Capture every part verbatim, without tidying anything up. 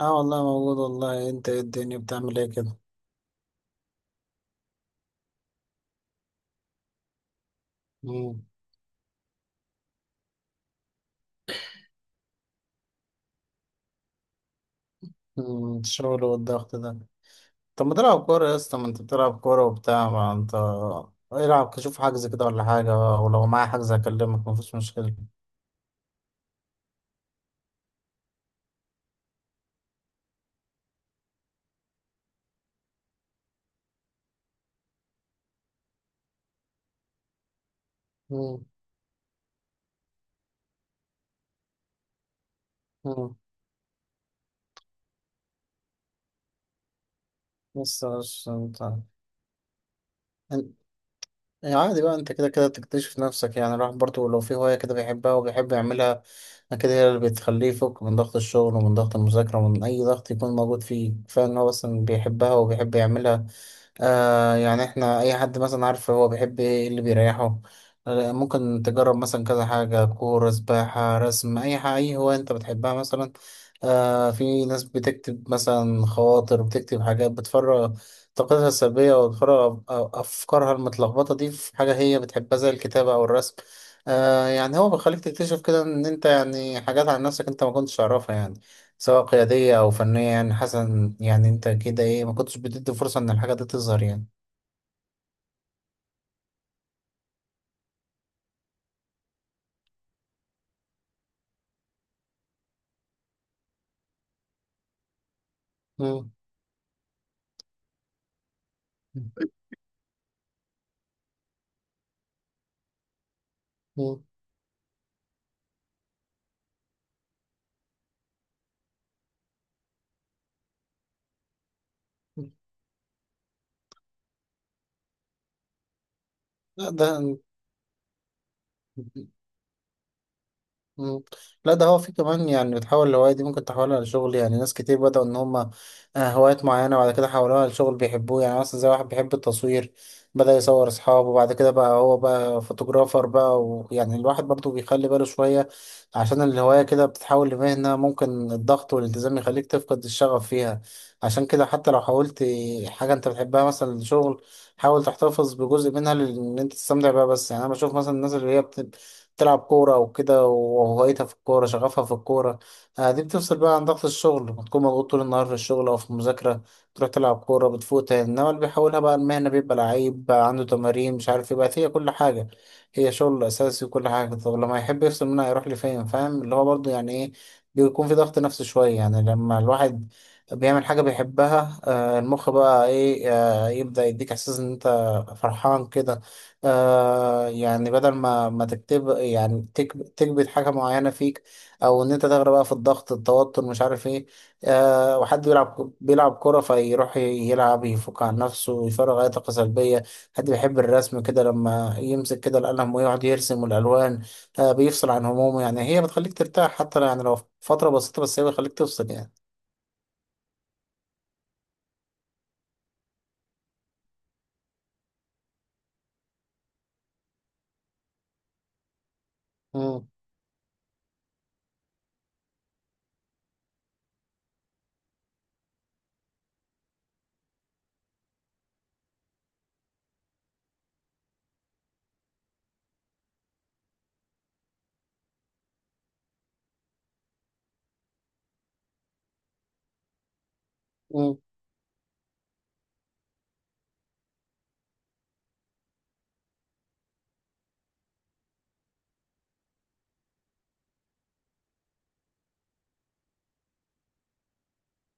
اه والله موجود. والله انت ايه؟ الدنيا بتعمل ايه كده؟ مم. مم. الشغل والضغط ده. طب ما تلعب كورة يا اسطى؟ ما انت بتلعب كورة وبتاع. ما انت العب، شوف حجز كده ولا حاجة. ولو معايا حجز هكلمك، مفيش مشكلة. مم. مم. بس عشان انت. يعني عادي بقى، انت كده كده تكتشف نفسك. يعني الواحد برضه لو في هواية كده بيحبها وبيحب يعملها كده، هي اللي بتخليه يفك من ضغط الشغل ومن ضغط المذاكرة ومن أي ضغط يكون موجود فيه. كفاية إن هو مثلا بيحبها وبيحب يعملها. آه يعني احنا أي حد مثلا عارف هو بيحب إيه، إيه اللي بيريحه. آه ممكن تجرب مثلا كذا حاجة، كورة، سباحة، رسم، أي حاجة، أي هواية أنت بتحبها مثلا. آه في ناس بتكتب مثلا خواطر، بتكتب حاجات بتفرغ طاقتها السلبية وأفكارها أفكارها المتلخبطة دي في حاجة هي بتحبها زي الكتابة أو الرسم. آه يعني هو بيخليك تكتشف كده إن أنت يعني حاجات عن نفسك أنت ما كنتش تعرفها، يعني سواء قيادية أو فنية، يعني حسن يعني أنت كده إيه، ما كنتش بتدي فرصة إن الحاجة دي تظهر يعني. مم. مم. لا ده. مم. لا ده هو في كمان، يعني بتحول الهواية دي ممكن تحولها لشغل. يعني ناس كتير بدأوا إن هما آه، هوايات معينة، وبعد كده حولوها لشغل بيحبوه. يعني مثلا زي واحد بيحب التصوير، بدأ يصور أصحابه وبعد كده بقى هو بقى فوتوغرافر بقى. ويعني الواحد برضه بيخلي باله شوية، عشان الهواية كده بتتحول لمهنة، ممكن الضغط والالتزام يخليك تفقد الشغف فيها. عشان كده حتى لو حاولت حاجة أنت بتحبها مثلا لشغل، حاول تحتفظ بجزء منها لأن أنت تستمتع بيها. بس يعني أنا بشوف مثلا الناس اللي هي بت- تلعب كورة وكده وهوايتها في الكورة، شغفها في الكورة. آه، دي بتفصل بقى عن ضغط الشغل. بتكون مضغوط طول النهار في الشغل أو في المذاكرة، تروح تلعب كورة بتفوق تاني. إنما اللي بيحاولها بقى المهنة بيبقى لعيب، بقى عنده تمارين مش عارف ايه، بقت هي كل حاجة. هي شغل أساسي وكل حاجة، طب لما يحب يفصل منها يروح لفين؟ فاهم اللي هو برضه يعني ايه، بيكون في ضغط نفسي شوية. يعني لما الواحد بيعمل حاجة بيحبها آه، المخ بقى ايه آه، يبدأ يديك إحساس إن أنت فرحان كده. آه يعني بدل ما ما تكتب، يعني تك- تكبت حاجة معينة فيك، أو إن أنت تغرق بقى في الضغط، التوتر مش عارف إيه. آه وحد بيلعب بيلعب كورة، فيروح ي- يلعب يفك عن نفسه، يفرغ أي طاقة سلبية. حد بيحب الرسم كده لما يمسك كده القلم ويقعد يرسم والألوان آه بيفصل عن همومه. يعني هي بتخليك ترتاح، حتى لو- يعني لو فترة بسيطة بس هي بتخليك تفصل يعني. مم. مم.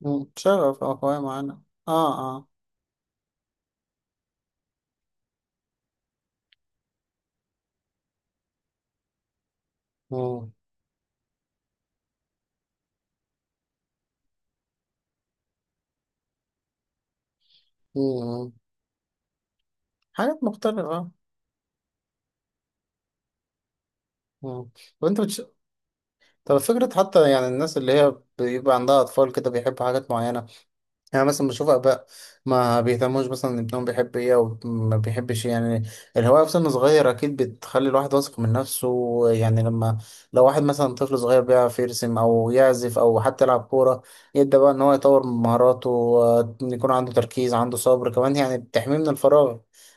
مم. شغف أو هواية معينة. آه آه. مم. مم. حاجات مختلفة. مم. وانت بتش... طب فكرة حتى يعني الناس اللي هي بيبقى عندها أطفال كده بيحبوا حاجات معينة. يعني مثلا بشوف اباء ما بيهتموش مثلا إن ابنهم بيحب ايه او ما بيحبش إيه. يعني الهوايه في سن صغير اكيد بتخلي الواحد واثق من نفسه. يعني لما لو واحد مثلا طفل صغير بيعرف يرسم او يعزف او حتى يلعب كوره، يبدا بقى ان هو يطور من مهاراته، آه، إن يكون عنده تركيز، عنده صبر كمان. يعني بتحميه من الفراغ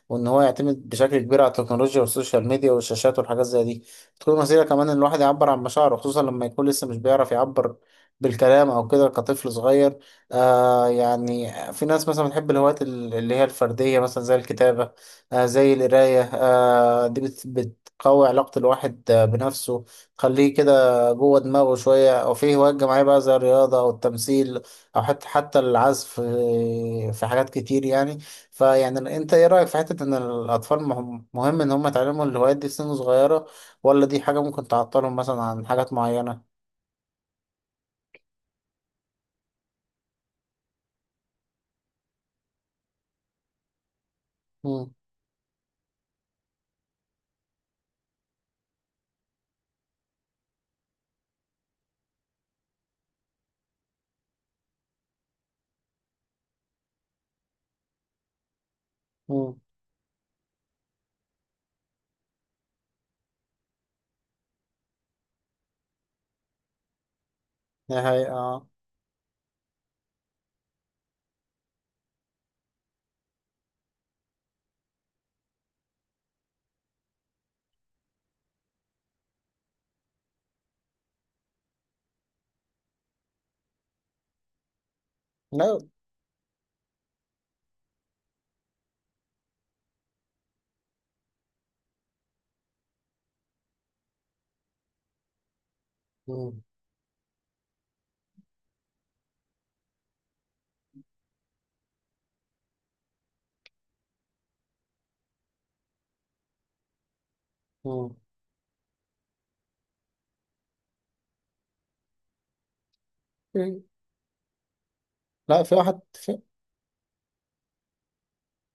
وان هو يعتمد بشكل كبير على التكنولوجيا والسوشيال ميديا والشاشات والحاجات زي دي. تكون وسيله كمان ان الواحد يعبر عن مشاعره، خصوصا لما يكون لسه مش بيعرف يعبر بالكلام او كده كطفل صغير. آه يعني في ناس مثلا بتحب الهوايات ال- اللي هي الفردية، مثلا زي الكتابة آه زي القراية آه دي بت- بتقوي علاقة الواحد آه، بنفسه، تخليه كده جوه دماغه شوية. أو في هوايات جماعية بقى زي الرياضة أو التمثيل أو حتى حتى العزف آه، في حاجات كتير يعني. فيعني أنت إيه رأيك في حتة إن الأطفال مهم مهم إن هم يتعلموا الهوايات دي في سن صغيرة، ولا دي حاجة ممكن تعطلهم مثلا عن حاجات معينة؟ مم. مم. نهاية آه. لا. مم. مم. مم. لا في واحد في.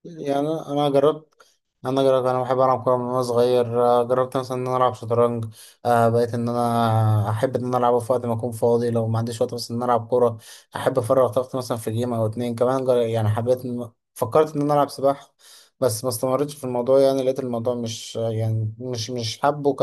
يعني انا أنا جربت انا جربت انا بحب العب كوره من وانا صغير، آه، جربت مثلا ان انا العب شطرنج. آه بقيت ان انا احب ان انا العبه في وقت ما اكون فاضي لو ما عنديش وقت، بس ان انا العب كوره. احب افرغ طاقتي مثلا في جيم، او اتنين كمان جر- يعني حبيت إن- فكرت ان انا العب سباحه. بس ما استمرتش في الموضوع، يعني لقيت الموضوع مش، يعني مش مش حابه ك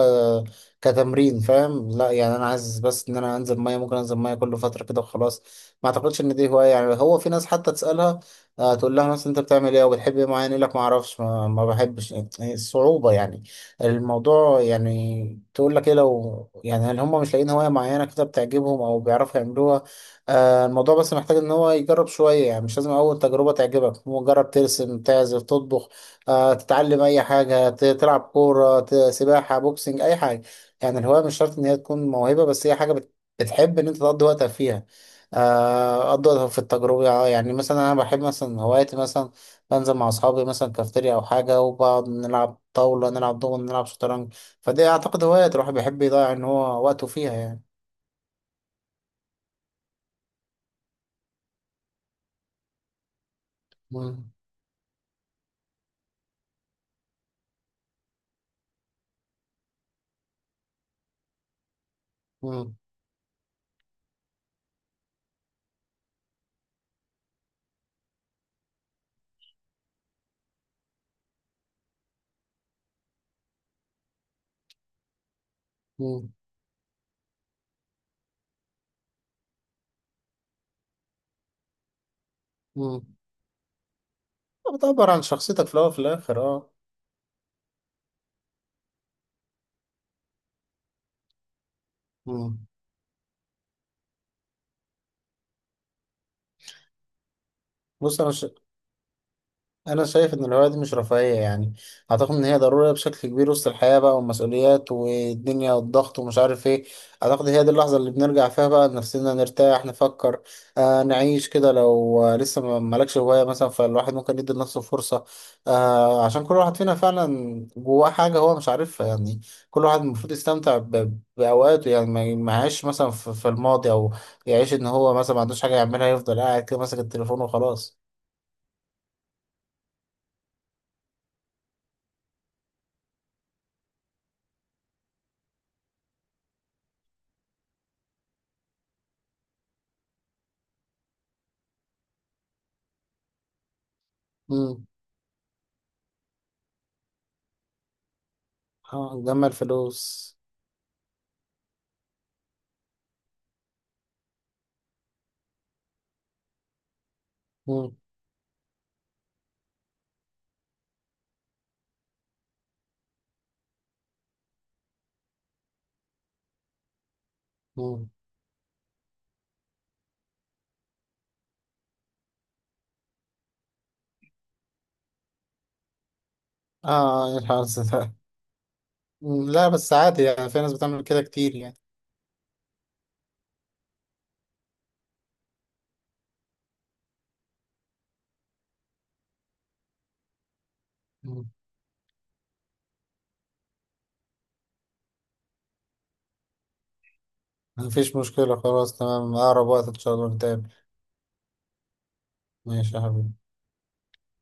كتمرين فاهم. لا يعني انا عايز بس ان انا انزل ميه، ممكن انزل ميه كل فتره كده وخلاص. ما اعتقدش ان دي هوايه. يعني هو في ناس حتى تسالها آه تقول لها مثلا انت بتعمل ايه وبتحب ايه معين، يقول لك ما اعرفش، ما, ما بحبش. يعني الصعوبة، يعني الموضوع، يعني تقول لك ايه لو يعني، هل هم مش لاقيين هواية معينة كده بتعجبهم او بيعرفوا يعملوها. آه الموضوع بس محتاج ان هو يجرب شوية. يعني مش لازم اول تجربة تعجبك. هو جرب ترسم، تعزف، تطبخ، آه تتعلم اي حاجة، ت- تلعب كورة، ت- سباحة، بوكسنج، اي حاجة. يعني الهواية مش شرط ان هي تكون موهبة، بس هي حاجة بت- بتحب ان انت تقضي وقتك فيها. آه، أفضل في التجربة. آه، يعني مثلا أنا بحب مثلا هواياتي مثلا، بنزل مع أصحابي مثلا كافتيريا أو حاجة، وبقعد نلعب طاولة، نلعب دومنة، نلعب شطرنج. فدي أعتقد هوايات الواحد بيحب يضيع إن هو وقته فيها يعني. مم. مم. مم. مم. بتعبر عن شخصيتك في الأول وفي الآخر أه. مم. بص، أنا ش... انا شايف ان الهوايه دي مش رفاهيه. يعني اعتقد ان هي ضروريه بشكل كبير وسط الحياه بقى، والمسؤوليات والدنيا والضغط ومش عارف ايه. اعتقد هي دي اللحظه اللي بنرجع فيها بقى لنفسنا، نرتاح، نفكر، آه نعيش كده. لو آه، لسه ما مالكش هوايه مثلا، فالواحد ممكن يدي لنفسه فرصه، آه عشان كل واحد فينا فعلا جواه حاجه هو مش عارفها يعني. كل واحد المفروض يستمتع ب- بأوقاته، يعني ما ما يعيش مثلا في في الماضي، أو يعيش إن هو مثلا ما عندوش حاجة يعملها يفضل قاعد كده ماسك التليفون وخلاص. مم. اه، جمع الفلوس. مم. مم. اه الحارس ده. مم، لا بس عادي يعني في ناس بتعمل كده كتير يعني. مم. مفيش مشكلة خلاص، تمام. أقرب وقت إن شاء الله نتقابل. ماشي يا حبيبي.